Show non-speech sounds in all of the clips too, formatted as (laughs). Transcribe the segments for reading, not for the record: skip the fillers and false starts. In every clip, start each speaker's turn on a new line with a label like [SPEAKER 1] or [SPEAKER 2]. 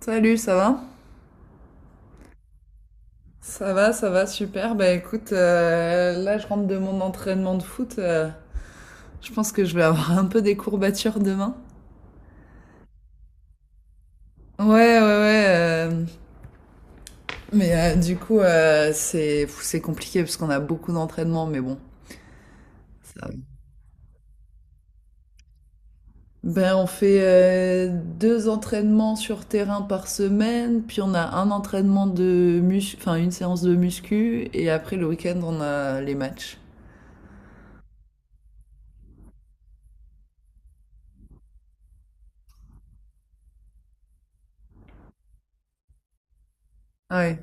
[SPEAKER 1] Salut, ça va? Ça va, ça va, super. Bah écoute, là je rentre de mon entraînement de foot. Je pense que je vais avoir un peu des courbatures demain. Ouais, ouais, ouais. Du coup, c'est c'est compliqué parce qu'on a beaucoup d'entraînements, mais bon. Ça va. Ben on fait deux entraînements sur terrain par semaine, puis on a un entraînement de muscu, enfin une séance de muscu, et après le week-end on a les matchs. Ah ouais.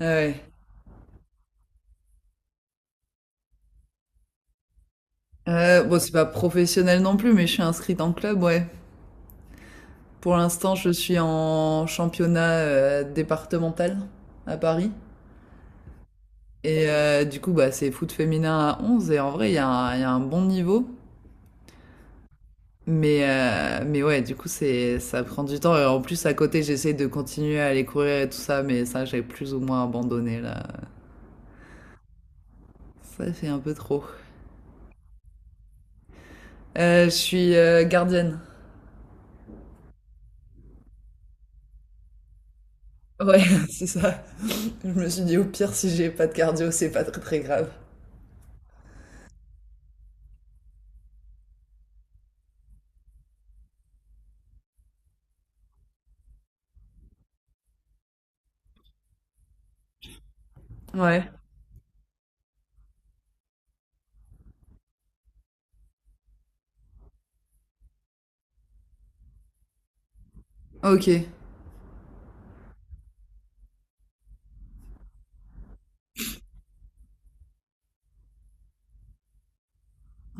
[SPEAKER 1] Ah ouais. Bon, c'est pas professionnel non plus, mais je suis inscrite en club, ouais. Pour l'instant, je suis en championnat départemental à Paris. Et du coup, bah, c'est foot féminin à 11, et en vrai, il y a un bon niveau. Mais, ouais, du coup, c'est, ça prend du temps. Et en plus, à côté, j'essaie de continuer à aller courir et tout ça, mais ça, j'ai plus ou moins abandonné, là. Ça fait un peu trop. Je suis gardienne. Ouais, (laughs) c'est ça. Je me suis dit, au pire, si j'ai pas de cardio, c'est pas très très grave. Ouais. Ok.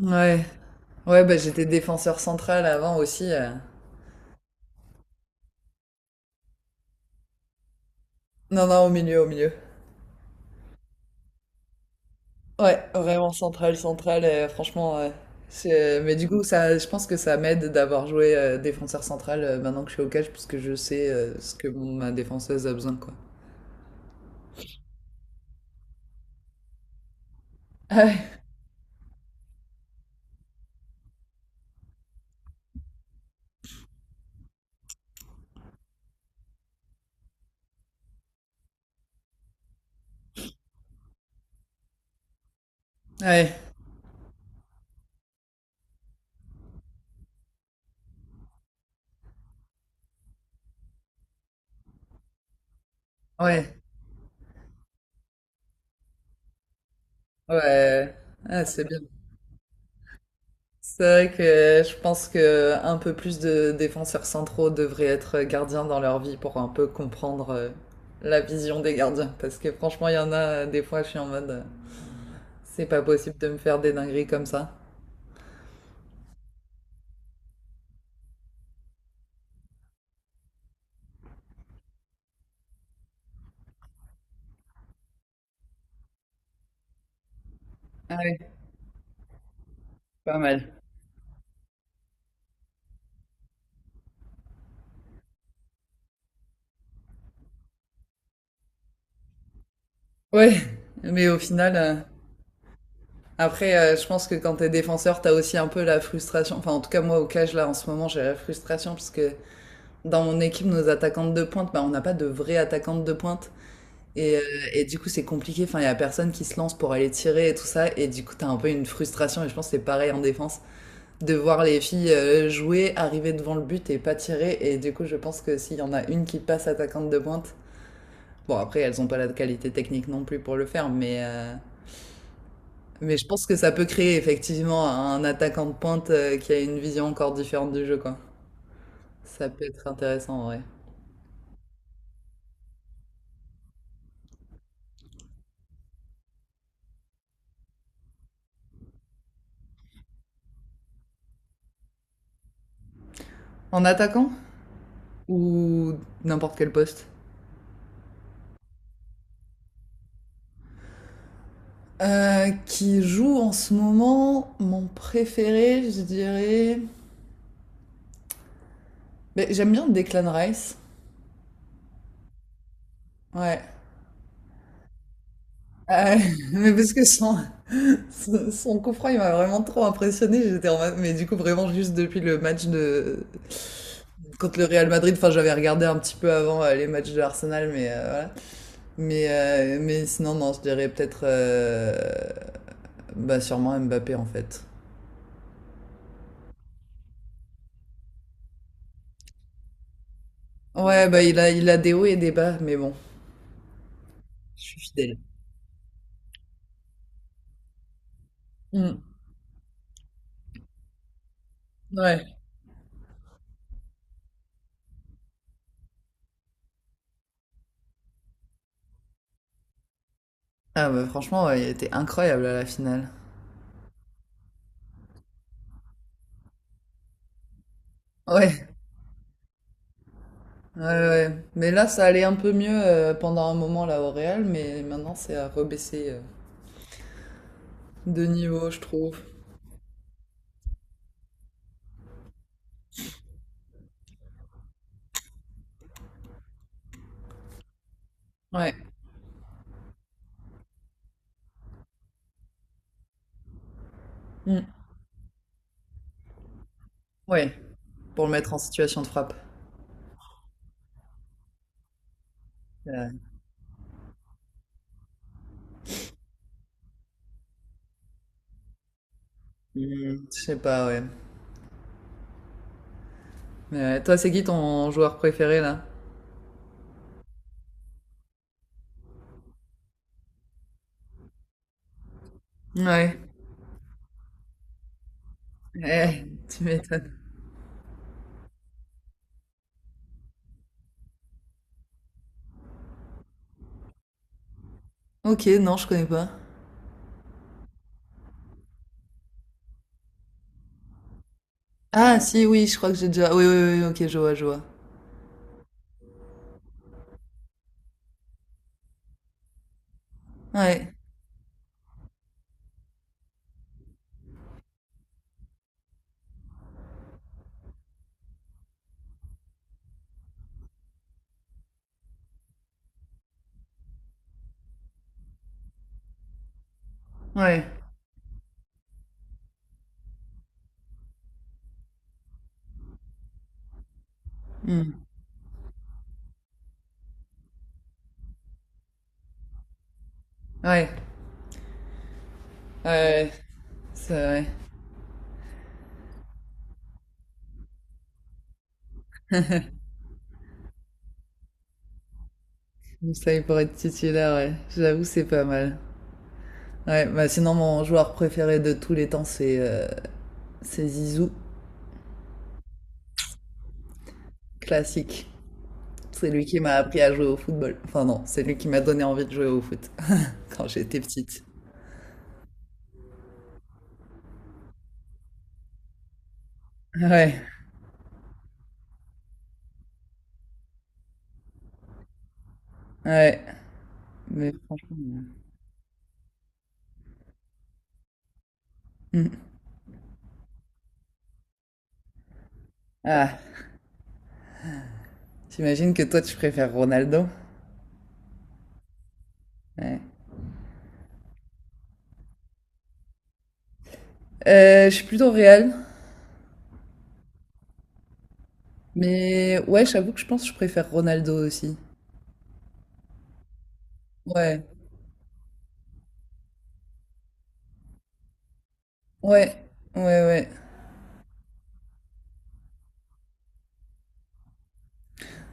[SPEAKER 1] Ouais. Ouais, bah j'étais défenseur central avant aussi. Non, non, au milieu, au milieu. Ouais, vraiment central, central. Franchement, ouais. C'est- Mais du coup, ça, je pense que ça m'aide d'avoir joué défenseur central maintenant que je suis au catch, parce que je sais ce que ma défenseuse a besoin, quoi. Ah ouais, ouais, ouais. Ouais. Ah, c'est bien. C'est vrai que je pense que un peu plus de défenseurs centraux devraient être gardiens dans leur vie pour un peu comprendre la vision des gardiens. Parce que franchement, il y en a des fois, je suis en mode, c'est pas possible de me faire des dingueries comme ça. Ah oui, pas mal. Ouais, (laughs) mais au final, je pense que quand t'es défenseur, t'as aussi un peu la frustration. Enfin, en tout cas, moi, au cage, là, en ce moment, j'ai la frustration parce que dans mon équipe, nos attaquantes de pointe, bah, on n'a pas de vraies attaquantes de pointe. Et, heu, et du coup, c'est compliqué. Enfin, il y a personne qui se lance pour aller tirer et tout ça. Et du coup, t'as un peu une frustration et je pense que c'est pareil en défense, de voir les filles, jouer, arriver devant le but et pas tirer. Et du coup, je pense que s'il y en a une qui passe attaquante de pointe, bon après elles ont pas la qualité technique non plus pour le faire, mais je pense que ça peut créer effectivement un attaquant de pointe, qui a une vision encore différente du jeu, quoi. Ça peut être intéressant, ouais. En attaquant? Ou n'importe quel poste? Qui joue en ce moment mon préféré, je dirais. Ben, j'aime bien Declan Rice. Ouais. Euh, (laughs) mais parce que son coup franc, il m'a vraiment trop impressionné. J'étais en mode, mais du coup, vraiment, juste depuis le match de. Contre le Real Madrid, enfin, j'avais regardé un petit peu avant les matchs de Arsenal, mais voilà. Mais sinon, non, je dirais peut-être. Bah, sûrement Mbappé, en fait. Ouais, bah, il a des hauts et des bas, mais bon, je suis fidèle. Mm. Ouais. Ah bah franchement, ouais, il était incroyable à la finale. Ouais, ouais, ouais. Mais là, ça allait un peu mieux pendant un moment là au Real, mais maintenant c'est à rebaisser de niveau, je trouve. Ouais, mm, ouais, pour le mettre en situation de frappe. Euh, Je sais pas, ouais. Mais ouais, toi, c'est qui ton joueur préféré là? Ouais. Eh, tu m'étonnes. Ok, non, je connais pas. Ah si, oui, je crois que j'ai déjà. Oui, oui, oui, ok, je vois, je vois. Ouais, ouais, mm. Ouais, ouais, ouais, c'est vrai. Moussaï pour être titulaire, ouais. J'avoue, c'est pas mal. Ouais, bah sinon, mon joueur préféré de tous les temps, c'est Zizou, classique. C'est lui qui m'a appris à jouer au football. Enfin, non, c'est lui qui m'a donné envie de jouer au foot (laughs) quand j'étais petite. Ouais, ouais, mais franchement. euh, hmm. Ah, t'imagines que toi, tu préfères Ronaldo? Ouais. Je suis plutôt Real, mais ouais, j'avoue que je pense que je préfère Ronaldo aussi. Ouais, ouais, ouais, ouais.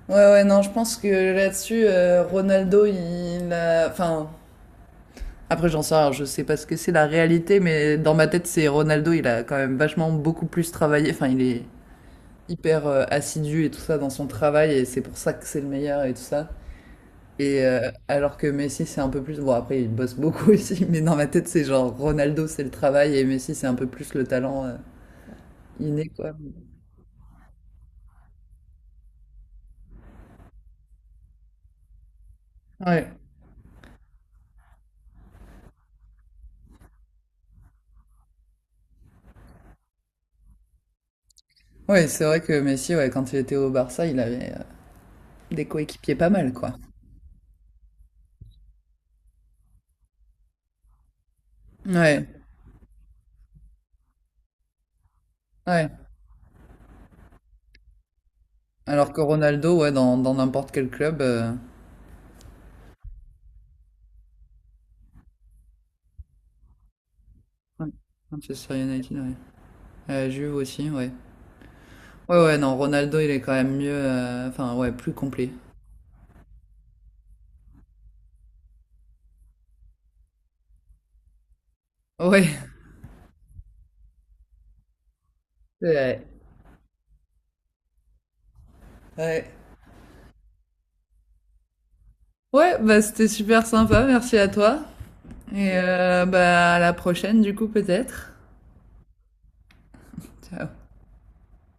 [SPEAKER 1] Ouais, ouais, non, je pense que là-dessus, Ronaldo, il a. Enfin, après, j'en sais rien, je sais pas ce que c'est la réalité, mais dans ma tête, c'est Ronaldo, il a quand même vachement beaucoup plus travaillé. Enfin, il est hyper assidu et tout ça dans son travail, et c'est pour ça que c'est le meilleur et tout ça. Et alors que Messi, c'est un peu plus. Bon, après, il bosse beaucoup (laughs) aussi, mais dans ma tête, c'est genre Ronaldo, c'est le travail, et Messi, c'est un peu plus le talent inné, quoi. Ouais. Ouais, c'est vrai que Messi, ouais, quand il était au Barça, il avait des coéquipiers pas mal, quoi. Ouais. Ouais. Alors que Ronaldo, ouais, dans n'importe quel club, ouais. Manchester United, ouais. Juve aussi, ouais. Ouais, ouais, non, Ronaldo, il est quand même mieux, enfin, ouais, plus complet. Ouais, (laughs) c'est vrai. Ouais. Ouais, bah, c'était super sympa, merci à toi. Et bah, à la prochaine, du coup, peut-être. Ciao.